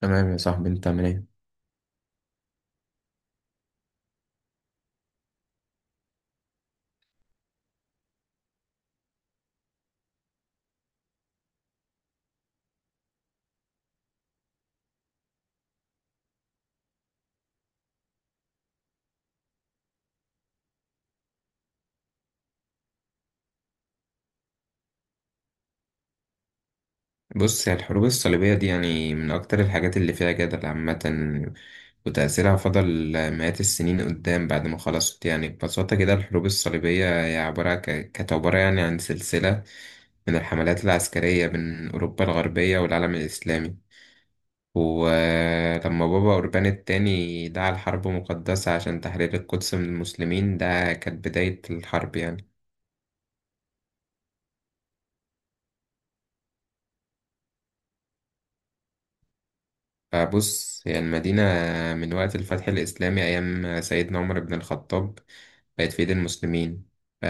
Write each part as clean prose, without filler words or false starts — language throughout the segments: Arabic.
تمام يا صاحبي، انت عامل ايه؟ بص، هي الحروب الصليبية دي يعني من أكتر الحاجات اللي فيها جدل عامة، وتأثيرها فضل مئات السنين قدام بعد ما خلصت. يعني ببساطة كده الحروب الصليبية هي كانت عبارة يعني عن سلسلة من الحملات العسكرية بين أوروبا الغربية والعالم الإسلامي. ولما بابا أوربان التاني دعا لحرب مقدسة عشان تحرير القدس من المسلمين، ده كانت بداية الحرب يعني. فبص، هي المدينة من وقت الفتح الإسلامي أيام سيدنا عمر بن الخطاب بقت في إيد المسلمين. ف-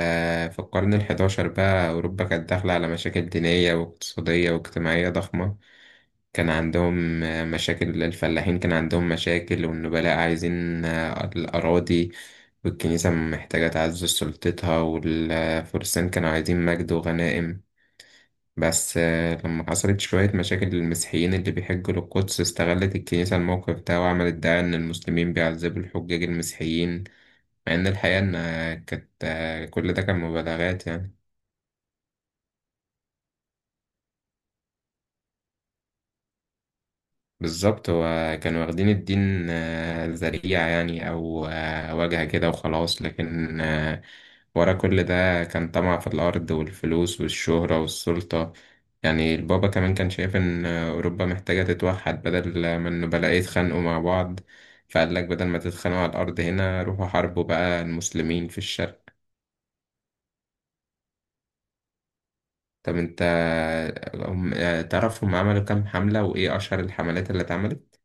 في القرن الحداشر بقى أوروبا كانت داخلة على مشاكل دينية واقتصادية واجتماعية ضخمة. كان عندهم مشاكل الفلاحين، كان عندهم مشاكل، والنبلاء عايزين الأراضي، والكنيسة محتاجة تعزز سلطتها، والفرسان كانوا عايزين مجد وغنائم. بس لما حصلت شوية مشاكل للمسيحيين اللي بيحجوا للقدس، استغلت الكنيسة الموقف ده وعملت دعاية إن المسلمين بيعذبوا الحجاج المسيحيين، مع إن الحقيقة إن آه، كانت آه، كل ده كان مبالغات يعني. بالظبط، هو كانوا واخدين الدين ذريعة يعني، أو واجهة كده وخلاص، لكن ورا كل ده كان طمع في الأرض والفلوس والشهرة والسلطة. يعني البابا كمان كان شايف إن أوروبا محتاجة تتوحد بدل ما إنه بلاقي يتخانقوا مع بعض، فقال لك بدل ما تتخانقوا على الأرض هنا، روحوا حاربوا بقى المسلمين في الشرق. طب أنت، تعرف هم عملوا كام حملة وإيه أشهر الحملات اللي اتعملت؟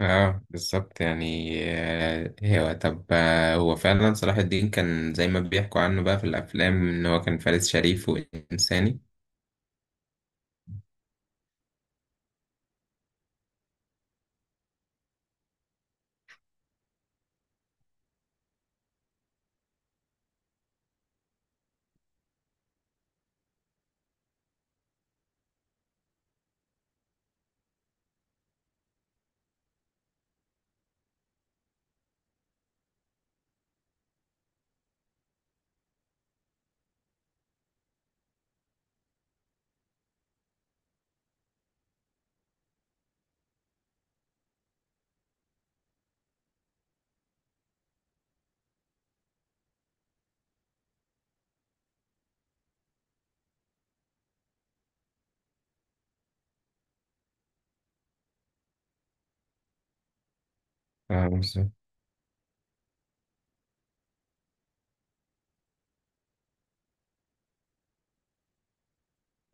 اه بالظبط. يعني آه، هو طب آه، هو فعلا صلاح الدين كان زي ما بيحكوا عنه بقى في الافلام، ان هو كان فارس شريف وانساني؟ اه بالظبط.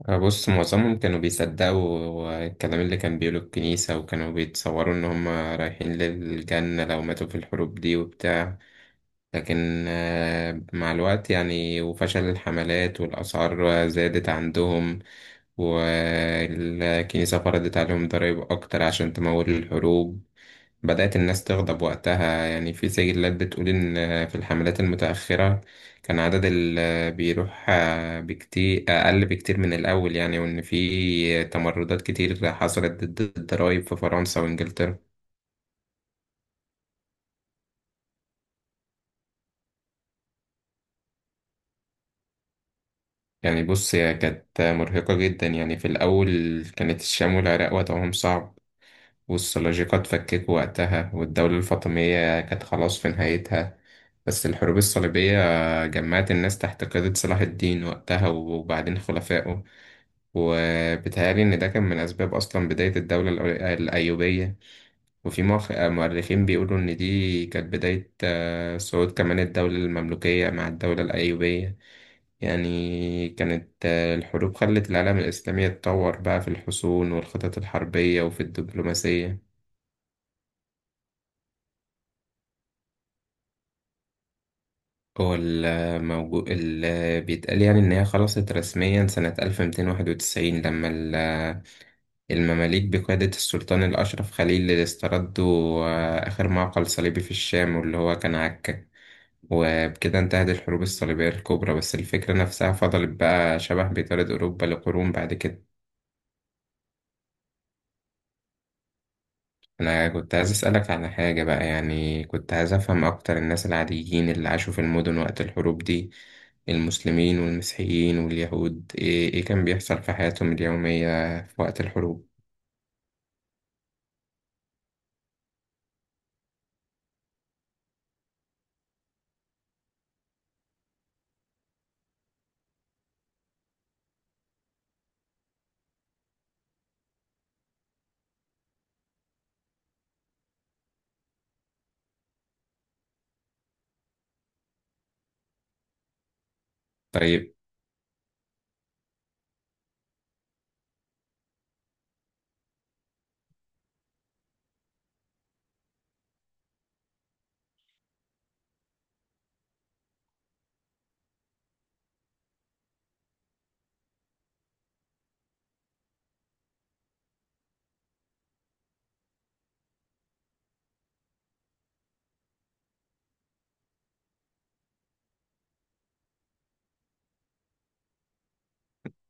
بص، معظمهم كانوا بيصدقوا الكلام اللي كان بيقوله الكنيسة، وكانوا بيتصوروا ان هم رايحين للجنة لو ماتوا في الحروب دي وبتاع. لكن مع الوقت يعني، وفشل الحملات والاسعار زادت عندهم، والكنيسة فرضت عليهم ضرائب أكتر عشان تمول الحروب، بدأت الناس تغضب وقتها. يعني في سجلات بتقول إن في الحملات المتأخرة كان عدد اللي بيروح بكتير أقل بكتير من الأول يعني، وإن في تمردات كتير حصلت ضد الضرايب في فرنسا وإنجلترا. يعني بص، هي كانت مرهقة جدا. يعني في الأول كانت الشام والعراق وضعهم صعب، والسلاجقة اتفككوا وقتها، والدولة الفاطمية كانت خلاص في نهايتها. بس الحروب الصليبية جمعت الناس تحت قيادة صلاح الدين وقتها وبعدين خلفائه، وبيتهيألي إن ده كان من أسباب أصلا بداية الدولة الأيوبية. وفي مؤرخين بيقولوا إن دي كانت بداية صعود كمان الدولة المملوكية مع الدولة الأيوبية. يعني كانت الحروب خلت العالم الإسلامي يتطور بقى في الحصون والخطط الحربية وفي الدبلوماسية. هو الموجود اللي بيتقال يعني إن هي خلصت رسميا سنة 1291، لما المماليك بقيادة السلطان الأشرف خليل اللي استردوا آخر معقل صليبي في الشام، واللي هو كان عكا، وبكده انتهت الحروب الصليبية الكبرى. بس الفكرة نفسها فضلت بقى شبه بطارد أوروبا لقرون بعد كده. أنا كنت عايز أسألك على حاجة بقى، يعني كنت عايز أفهم أكتر الناس العاديين اللي عاشوا في المدن وقت الحروب دي، المسلمين والمسيحيين واليهود، إيه كان بيحصل في حياتهم اليومية في وقت الحروب؟ طيب.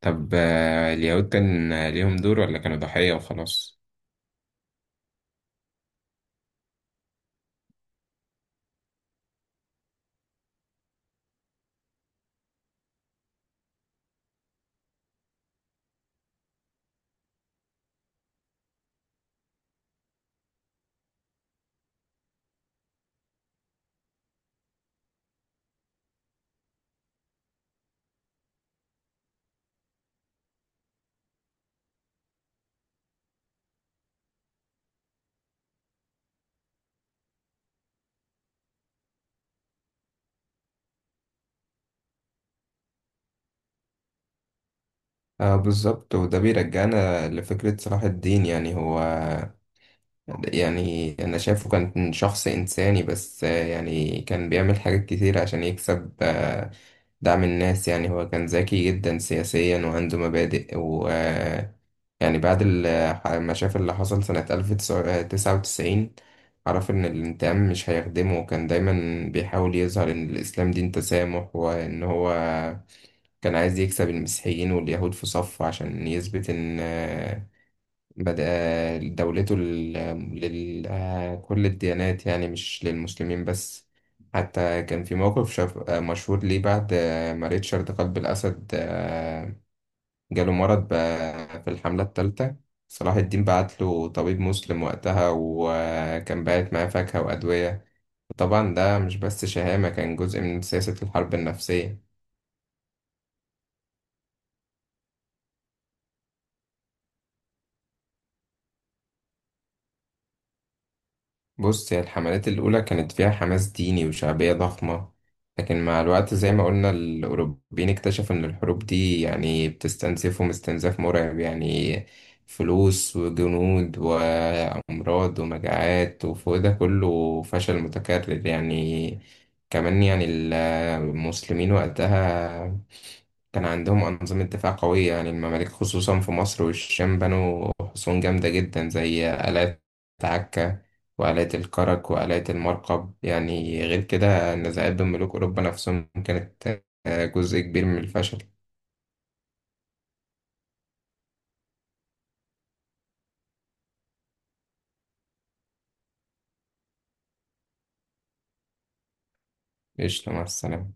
طب اليهود كان ليهم دور، ولا كانوا ضحية وخلاص؟ آه بالظبط. وده بيرجعنا لفكرة صلاح الدين. يعني هو، يعني أنا شايفه كان شخص إنساني، بس يعني كان بيعمل حاجات كتير عشان يكسب دعم الناس. يعني هو كان ذكي جدا سياسيا وعنده مبادئ. يعني بعد ما شاف اللي حصل سنة 1099، عرف إن الانتقام مش هيخدمه، وكان دايما بيحاول يظهر إن الإسلام دين تسامح، وإن هو كان عايز يكسب المسيحيين واليهود في صفه عشان يثبت إن بدأ دولته لكل الديانات، يعني مش للمسلمين بس. حتى كان في موقف شاف آه، مشهور ليه، بعد ما ريتشارد قلب الأسد جاله مرض بقى في الحملة التالتة، صلاح الدين بعت له طبيب مسلم وقتها، وكان باعت معاه فاكهة وأدوية. طبعا ده مش بس شهامة، كان جزء من سياسة الحرب النفسية. بص، هي الحملات الأولى كانت فيها حماس ديني وشعبية ضخمة، لكن مع الوقت زي ما قلنا، الأوروبيين اكتشفوا إن الحروب دي يعني بتستنزفهم استنزاف مرعب. يعني فلوس وجنود وأمراض ومجاعات، وفوق ده كله فشل متكرر يعني. كمان يعني المسلمين وقتها كان عندهم أنظمة دفاع قوية. يعني المماليك خصوصا في مصر والشام بنوا حصون جامدة جدا، زي آلات عكا وآلات الكرك وآلات المرقب. يعني غير كده، النزاعات بين ملوك أوروبا نفسهم كانت جزء كبير من الفشل. قشطة، مع السلامة.